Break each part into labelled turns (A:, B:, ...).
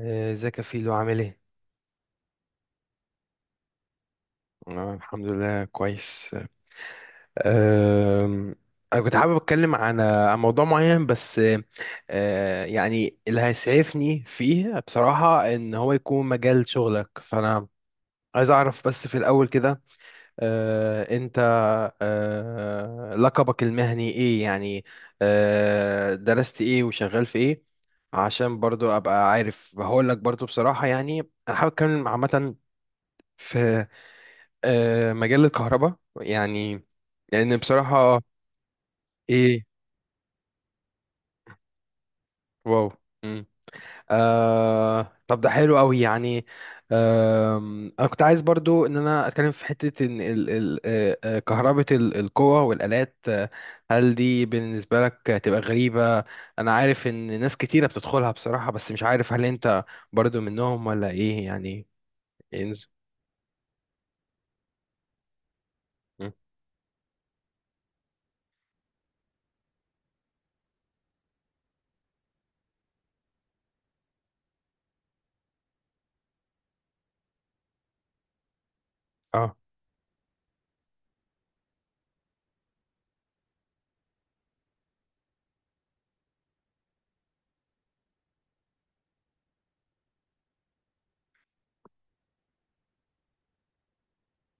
A: ازيك يا فيلو عامل ايه؟ أنا الحمد لله كويس. أم، أنا كنت حابب أتكلم عن عن موضوع معين، بس يعني اللي هيسعفني فيه بصراحة إن هو يكون مجال شغلك، فأنا عايز أعرف بس في الأول كده أنت لقبك المهني إيه يعني؟ درست إيه وشغال في إيه؟ عشان برضو أبقى عارف هقول لك. برضو بصراحة يعني أنا حابب أتكلم عامة في مجال الكهرباء يعني، لان بصراحة. ايه؟ واو. مم. آه طب ده حلو قوي يعني. انا كنت عايز برضو ان انا اتكلم في حتة ان ال كهربة القوى والالات، هل دي بالنسبة لك تبقى غريبة؟ انا عارف ان ناس كتيرة بتدخلها بصراحة، بس مش عارف هل انت برضو منهم ولا ايه يعني؟ إيه نز- مم. اه.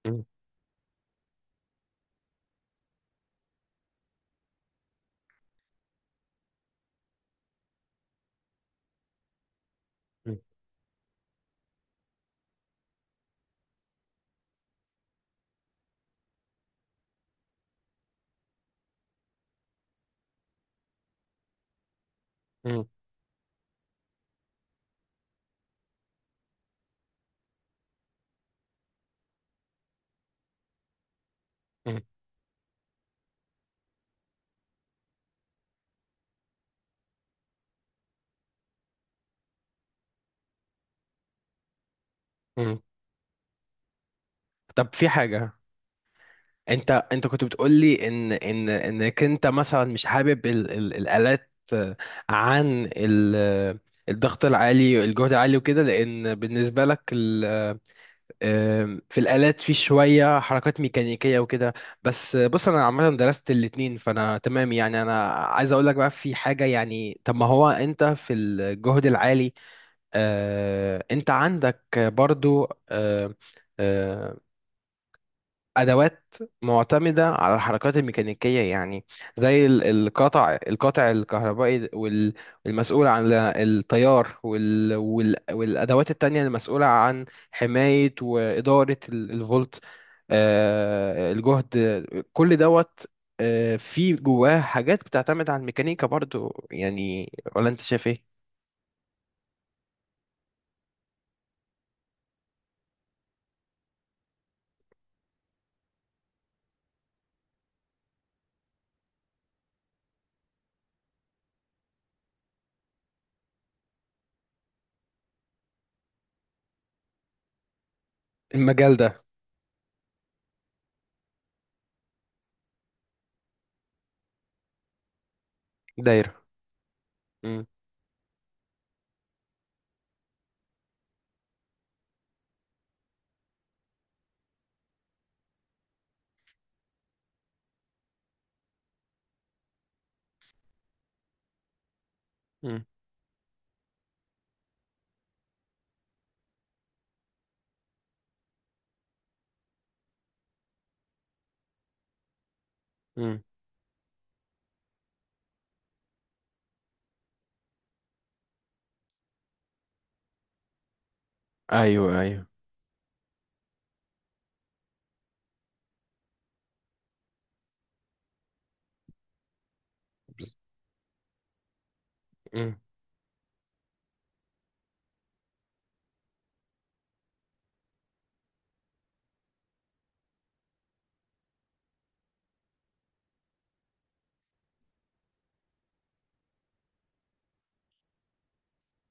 A: مم. مم. مم. مم. مم. طب في حاجة، انت كنت بتقول لي ان انك انت مثلا مش حابب ال الالات، عن ال آه، الضغط العالي، الجهد العالي، وكده، لان بالنسبه لك ال آه، في الالات في شويه حركات ميكانيكيه وكده، بس بص انا عامه درست الاتنين فانا تمام. يعني انا عايز اقول لك بقى في حاجه، يعني طب ما هو انت في الجهد العالي انت عندك برضو آه، ادوات معتمده على الحركات الميكانيكيه يعني، زي القطع الكهربائي والمسؤول عن التيار والادوات التانية المسؤوله عن حمايه واداره الفولت، الجهد، كل دوت، في جواه حاجات بتعتمد على الميكانيكا برضو يعني، ولا انت شايف ايه؟ المجال ده. دايره. مم. مم. مم. ايوه ايوه. مم.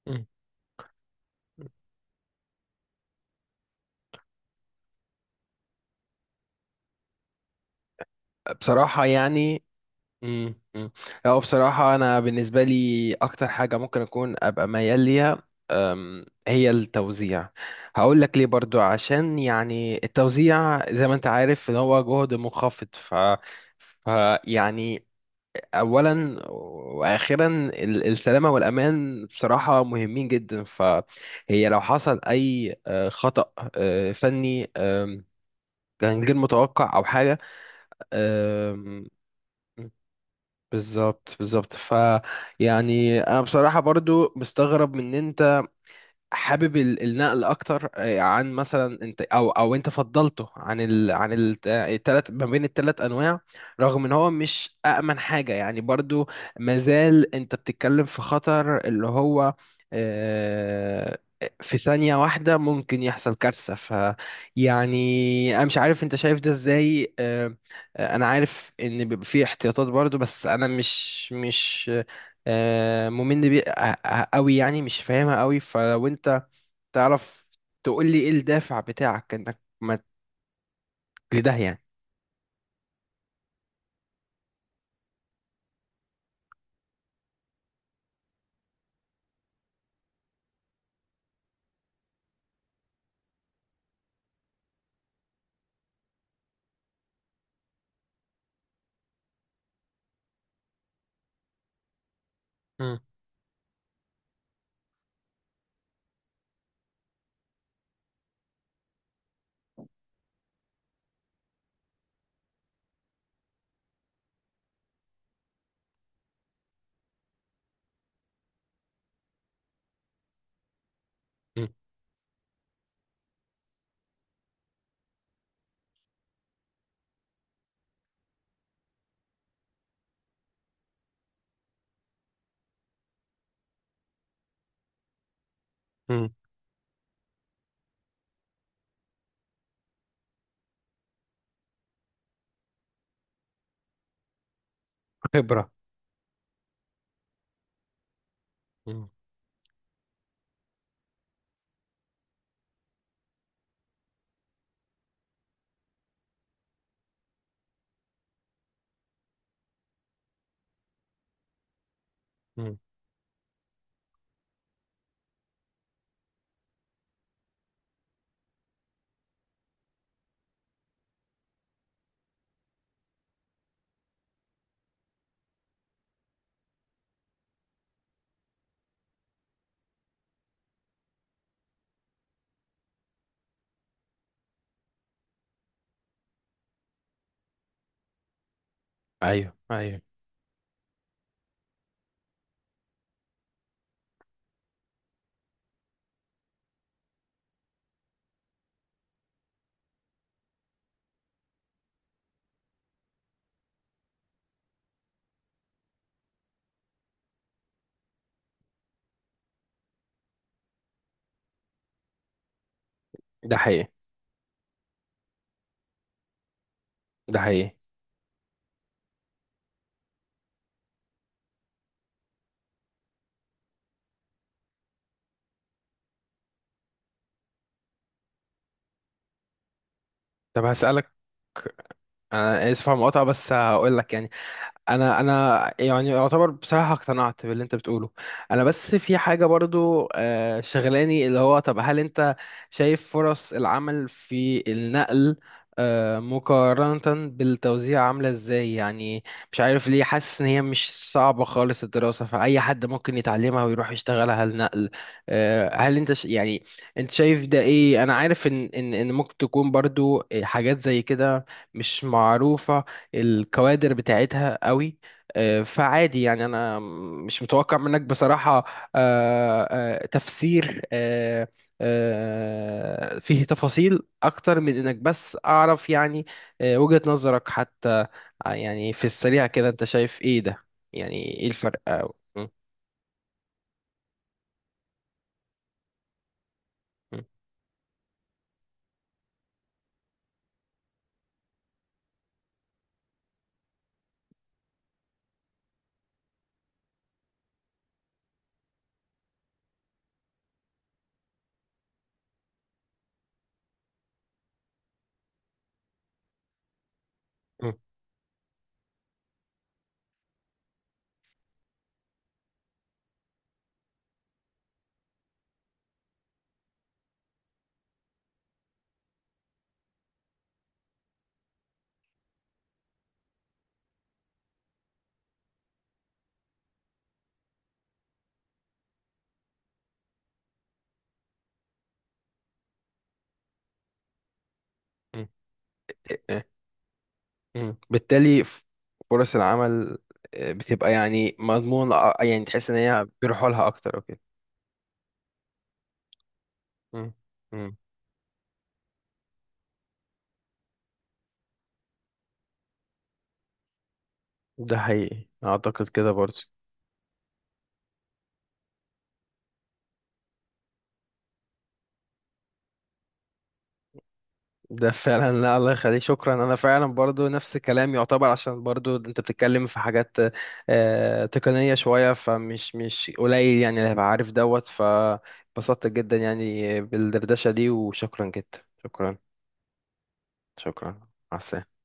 A: مم. بصراحة يعني. امم. هو بصراحة أنا بالنسبة لي أكتر حاجة ممكن أكون أبقى ميال ليها، هي التوزيع. هقول لك ليه برضو، عشان يعني التوزيع زي ما أنت عارف إن هو جهد منخفض، ف- يعني أولا وأخيرا السلامة والأمان بصراحة مهمين جدا، فهي لو حصل أي خطأ فني كان غير متوقع أو حاجة. بالظبط بالظبط، ف يعني انا بصراحة برضو مستغرب مننا حابب النقل اكتر عن مثلا انت او انت فضلته عن التلات، ما بين التلات انواع، رغم ان هو مش امن حاجه يعني برضو. مازال انت بتتكلم في خطر، اللي هو آه، في ثانيه واحده ممكن يحصل كارثه. ف يعني انا مش عارف انت شايف ده ازاي. انا عارف ان بيبقى فيه احتياطات برضو، بس انا مش مؤمن بيه قوي، يعني مش فاهمها قوي، فلو انت تعرف تقول لي ايه الدافع بتاعك انك ما لده يعني. مم. مم. مم. خبرة. مم. مم. ايوه ايوه. ده حقيقي. ده حقيقي. طب هسألك، انا اسف على المقاطعة، بس هقول لك يعني، انا يعني يعتبر بصراحه اقتنعت باللي انت بتقوله. انا بس في حاجه برضو شغلاني، اللي هو طب هل انت شايف فرص العمل في النقل مقارنه بالتوزيع عامله ازاي يعني؟ مش عارف ليه حاسس ان هي مش صعبه خالص الدراسه، فاي حد ممكن يتعلمها ويروح يشتغلها النقل. يعني انت شايف ده ايه؟ انا عارف ان ان ممكن تكون برضو حاجات زي كده مش معروفة الكوادر بتاعتها قوي، فعادي يعني. انا مش متوقع منك بصراحة تفسير، فيه تفاصيل اكتر من انك بس اعرف يعني وجهة نظرك حتى. يعني في السريع كده انت شايف ايه ده يعني؟ ايه الفرق أو- م- م- م- م- آه، م. بالتالي فرص العمل بتبقى يعني مضمون، يعني تحس ان هي بيروحوا لها اكتر. اوكي. م- م. ده حقيقي، اعتقد كده برضو. ده فعلا، لا الله يخليك شكرا. انا فعلا برضو نفس الكلام يعتبر، عشان برضو انت بتتكلم في حاجات تقنية شوية، فمش مش قليل يعني اللي هيبقى عارف دوت، فبسطت جدا يعني بالدردشة دي، وشكرا جدا. شكرا. شكرا. مع السلامة.